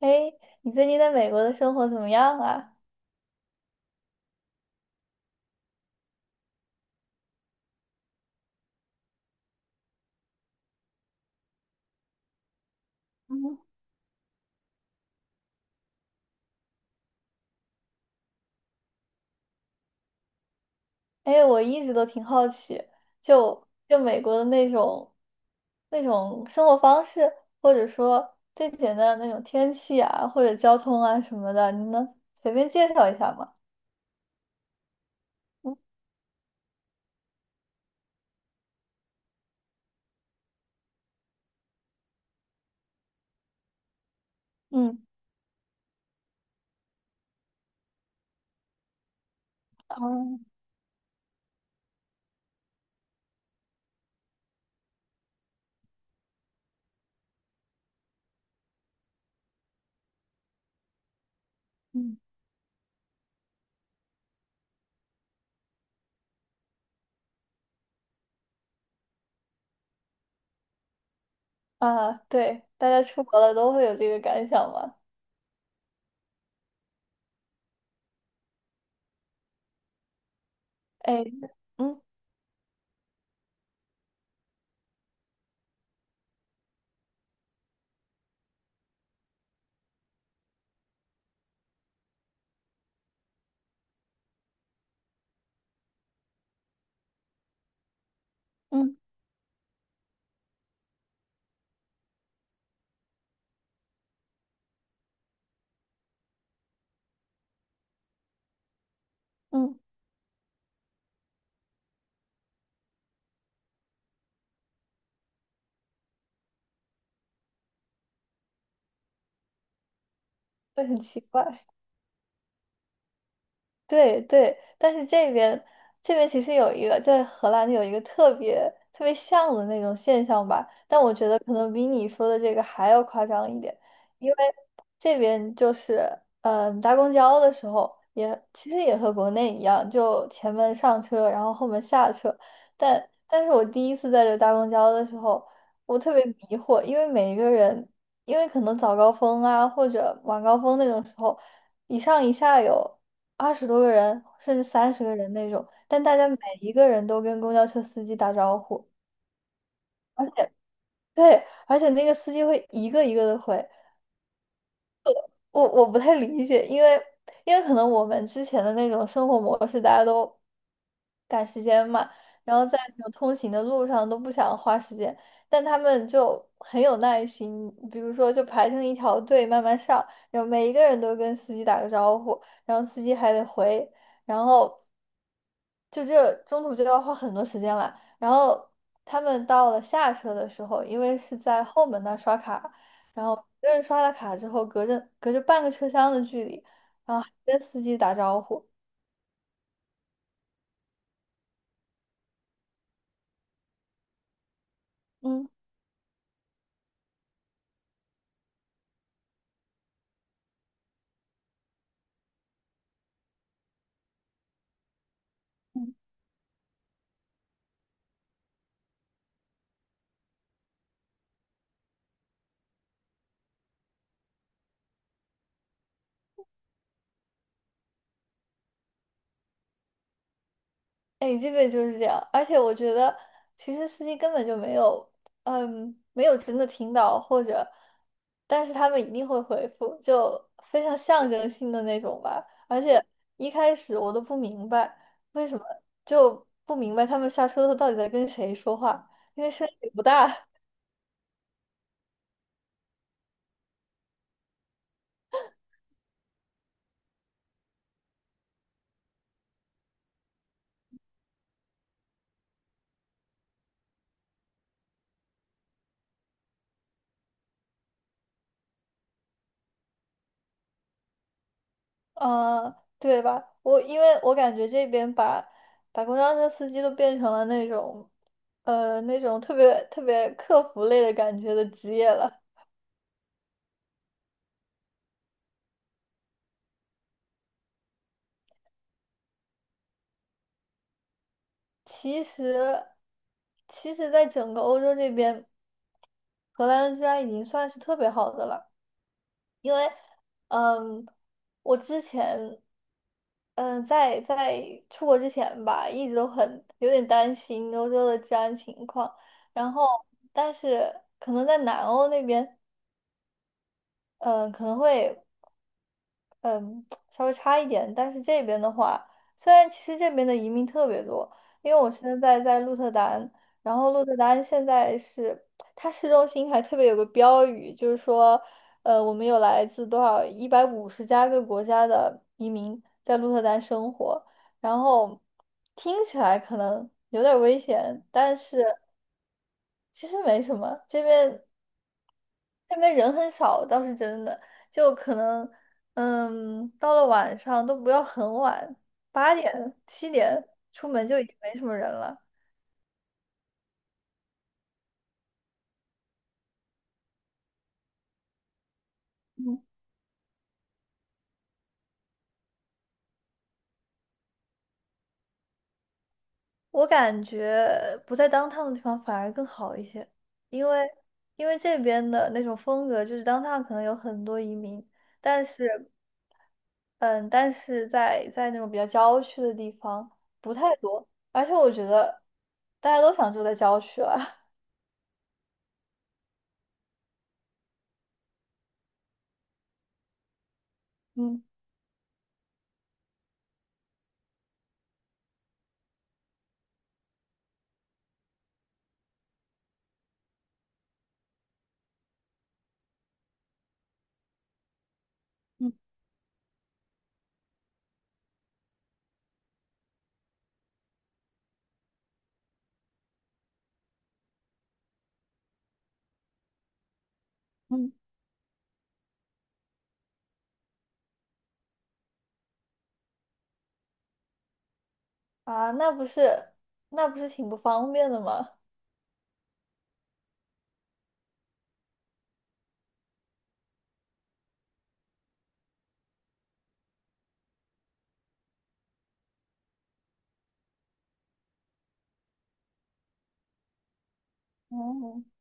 哎，你最近在美国的生活怎么样啊？嗯，哎，我一直都挺好奇，就美国的那种生活方式，或者说最简单的那种天气啊，或者交通啊什么的，你能随便介绍一下吗？嗯嗯哦，嗯，啊，对，大家出国了都会有这个感想吗？哎，嗯嗯嗯，会很奇怪。对对，但是这边其实有一个在荷兰有一个特别特别像的那种现象吧，但我觉得可能比你说的这个还要夸张一点，因为这边就是搭公交的时候也其实也和国内一样，就前门上车，然后后门下车，但是我第一次在这搭公交的时候，我特别迷惑，因为每一个人，因为可能早高峰啊或者晚高峰那种时候。一上一下有。20多个人，甚至30个人那种，但大家每一个人都跟公交车司机打招呼。对，而且那个司机会一个一个的回，我不太理解，因为可能我们之前的那种生活模式，大家都赶时间嘛，然后在那种通行的路上都不想花时间，但他们就很有耐心，比如说就排成一条队慢慢上，然后每一个人都跟司机打个招呼，然后司机还得回，然后就这中途就要花很多时间了，然后他们到了下车的时候，因为是在后门那儿刷卡。然后一个人刷了卡之后，隔着半个车厢的距离，然后还跟司机打招呼。嗯，哎，这个就是这样。而且我觉得，其实司机根本就没有，没有真的听到，或者，但是他们一定会回复，就非常象征性的那种吧。而且一开始我都不明白为什么，就不明白他们下车后到底在跟谁说话，因为声音也不大。嗯，对吧？因为我感觉这边把公交车司机都变成了那种，那种特别特别客服类的感觉的职业了。其实，其实，在整个欧洲这边，荷兰的治安已经算是特别好的了。因为，嗯，我之前，在出国之前吧，一直都很有点担心欧洲的治安情况，然后，但是可能在南欧那边。可能会嗯稍微差一点，但是这边的话，虽然其实这边的移民特别多，因为我现在在鹿特丹，然后鹿特丹现在是它市中心还特别有个标语，就是说，我们有来自多少150加个国家的移民在鹿特丹生活，然后听起来可能有点儿危险，但是其实没什么，这边那边人很少倒是真的，就可能，到了晚上都不要很晚，8点、7点出门就已经没什么人了。嗯，我感觉不在当 o 的地方反而更好一些，因为因为这边的那种风格就是当 o 可能有很多移民，但是，嗯，但是在那种比较郊区的地方不太多，而且我觉得大家都想住在郊区了，嗯。嗯嗯。啊，那不是挺不方便的吗？哦，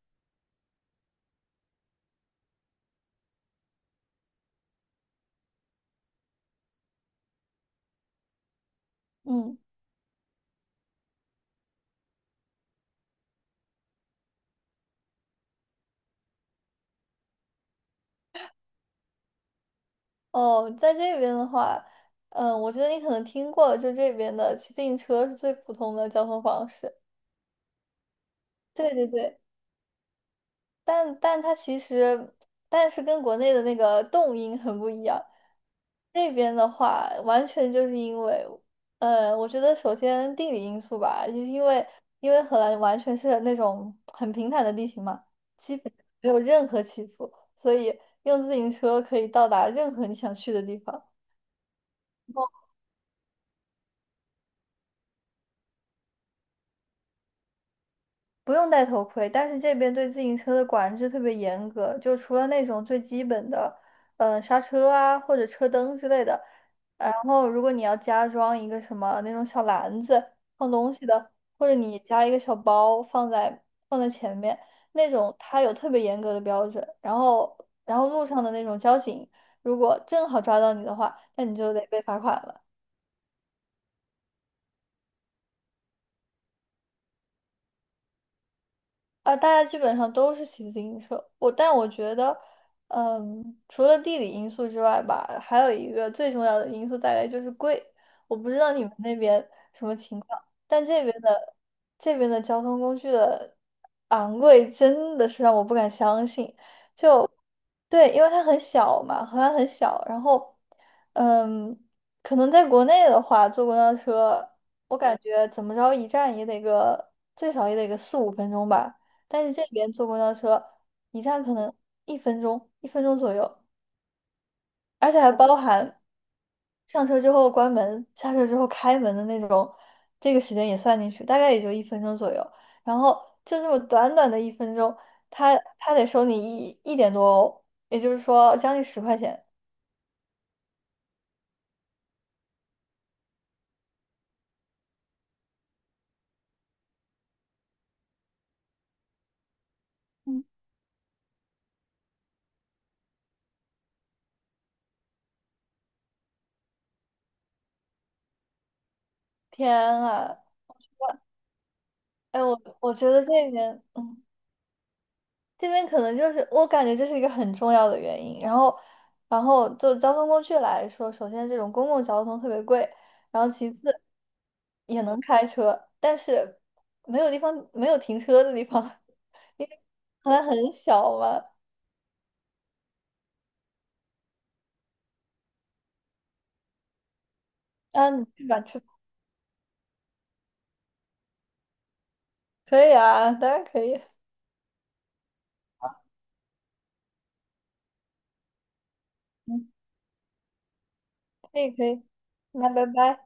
嗯，哦，在这边的话，我觉得你可能听过，就这边的骑自行车是最普通的交通方式。对对对，但但它其实，但是跟国内的那个动音很不一样。这边的话，完全就是因为，我觉得首先地理因素吧，就是因为荷兰完全是那种很平坦的地形嘛，基本没有任何起伏，所以用自行车可以到达任何你想去的地方。不用戴头盔，但是这边对自行车的管制特别严格，就除了那种最基本的，刹车啊或者车灯之类的，然后如果你要加装一个什么那种小篮子放东西的，或者你加一个小包放在前面那种，它有特别严格的标准。然后路上的那种交警，如果正好抓到你的话，那你就得被罚款了。啊，大家基本上都是骑自行车。但我觉得，除了地理因素之外吧，还有一个最重要的因素大概就是贵。我不知道你们那边什么情况，但这边的交通工具的昂贵真的是让我不敢相信。对，因为它很小嘛，荷兰很小，然后，嗯，可能在国内的话，坐公交车，我感觉怎么着一站也得个最少也得个四五分钟吧，但是这边坐公交车，一站可能一分钟，一分钟左右，而且还包含上车之后关门，下车之后开门的那种，这个时间也算进去，大概也就一分钟左右，然后就这么短短的一分钟，他得收你一点多欧，也就是说将近10块钱。嗯天啊，哎，我觉得这边，这边可能就是我感觉这是一个很重要的原因。然后就交通工具来说，首先这种公共交通特别贵，然后其次也能开车，但是没有停车的地方，因为好像很小嘛。啊，你去吧，去吧，可以啊，当然可以，可以可以，那拜拜。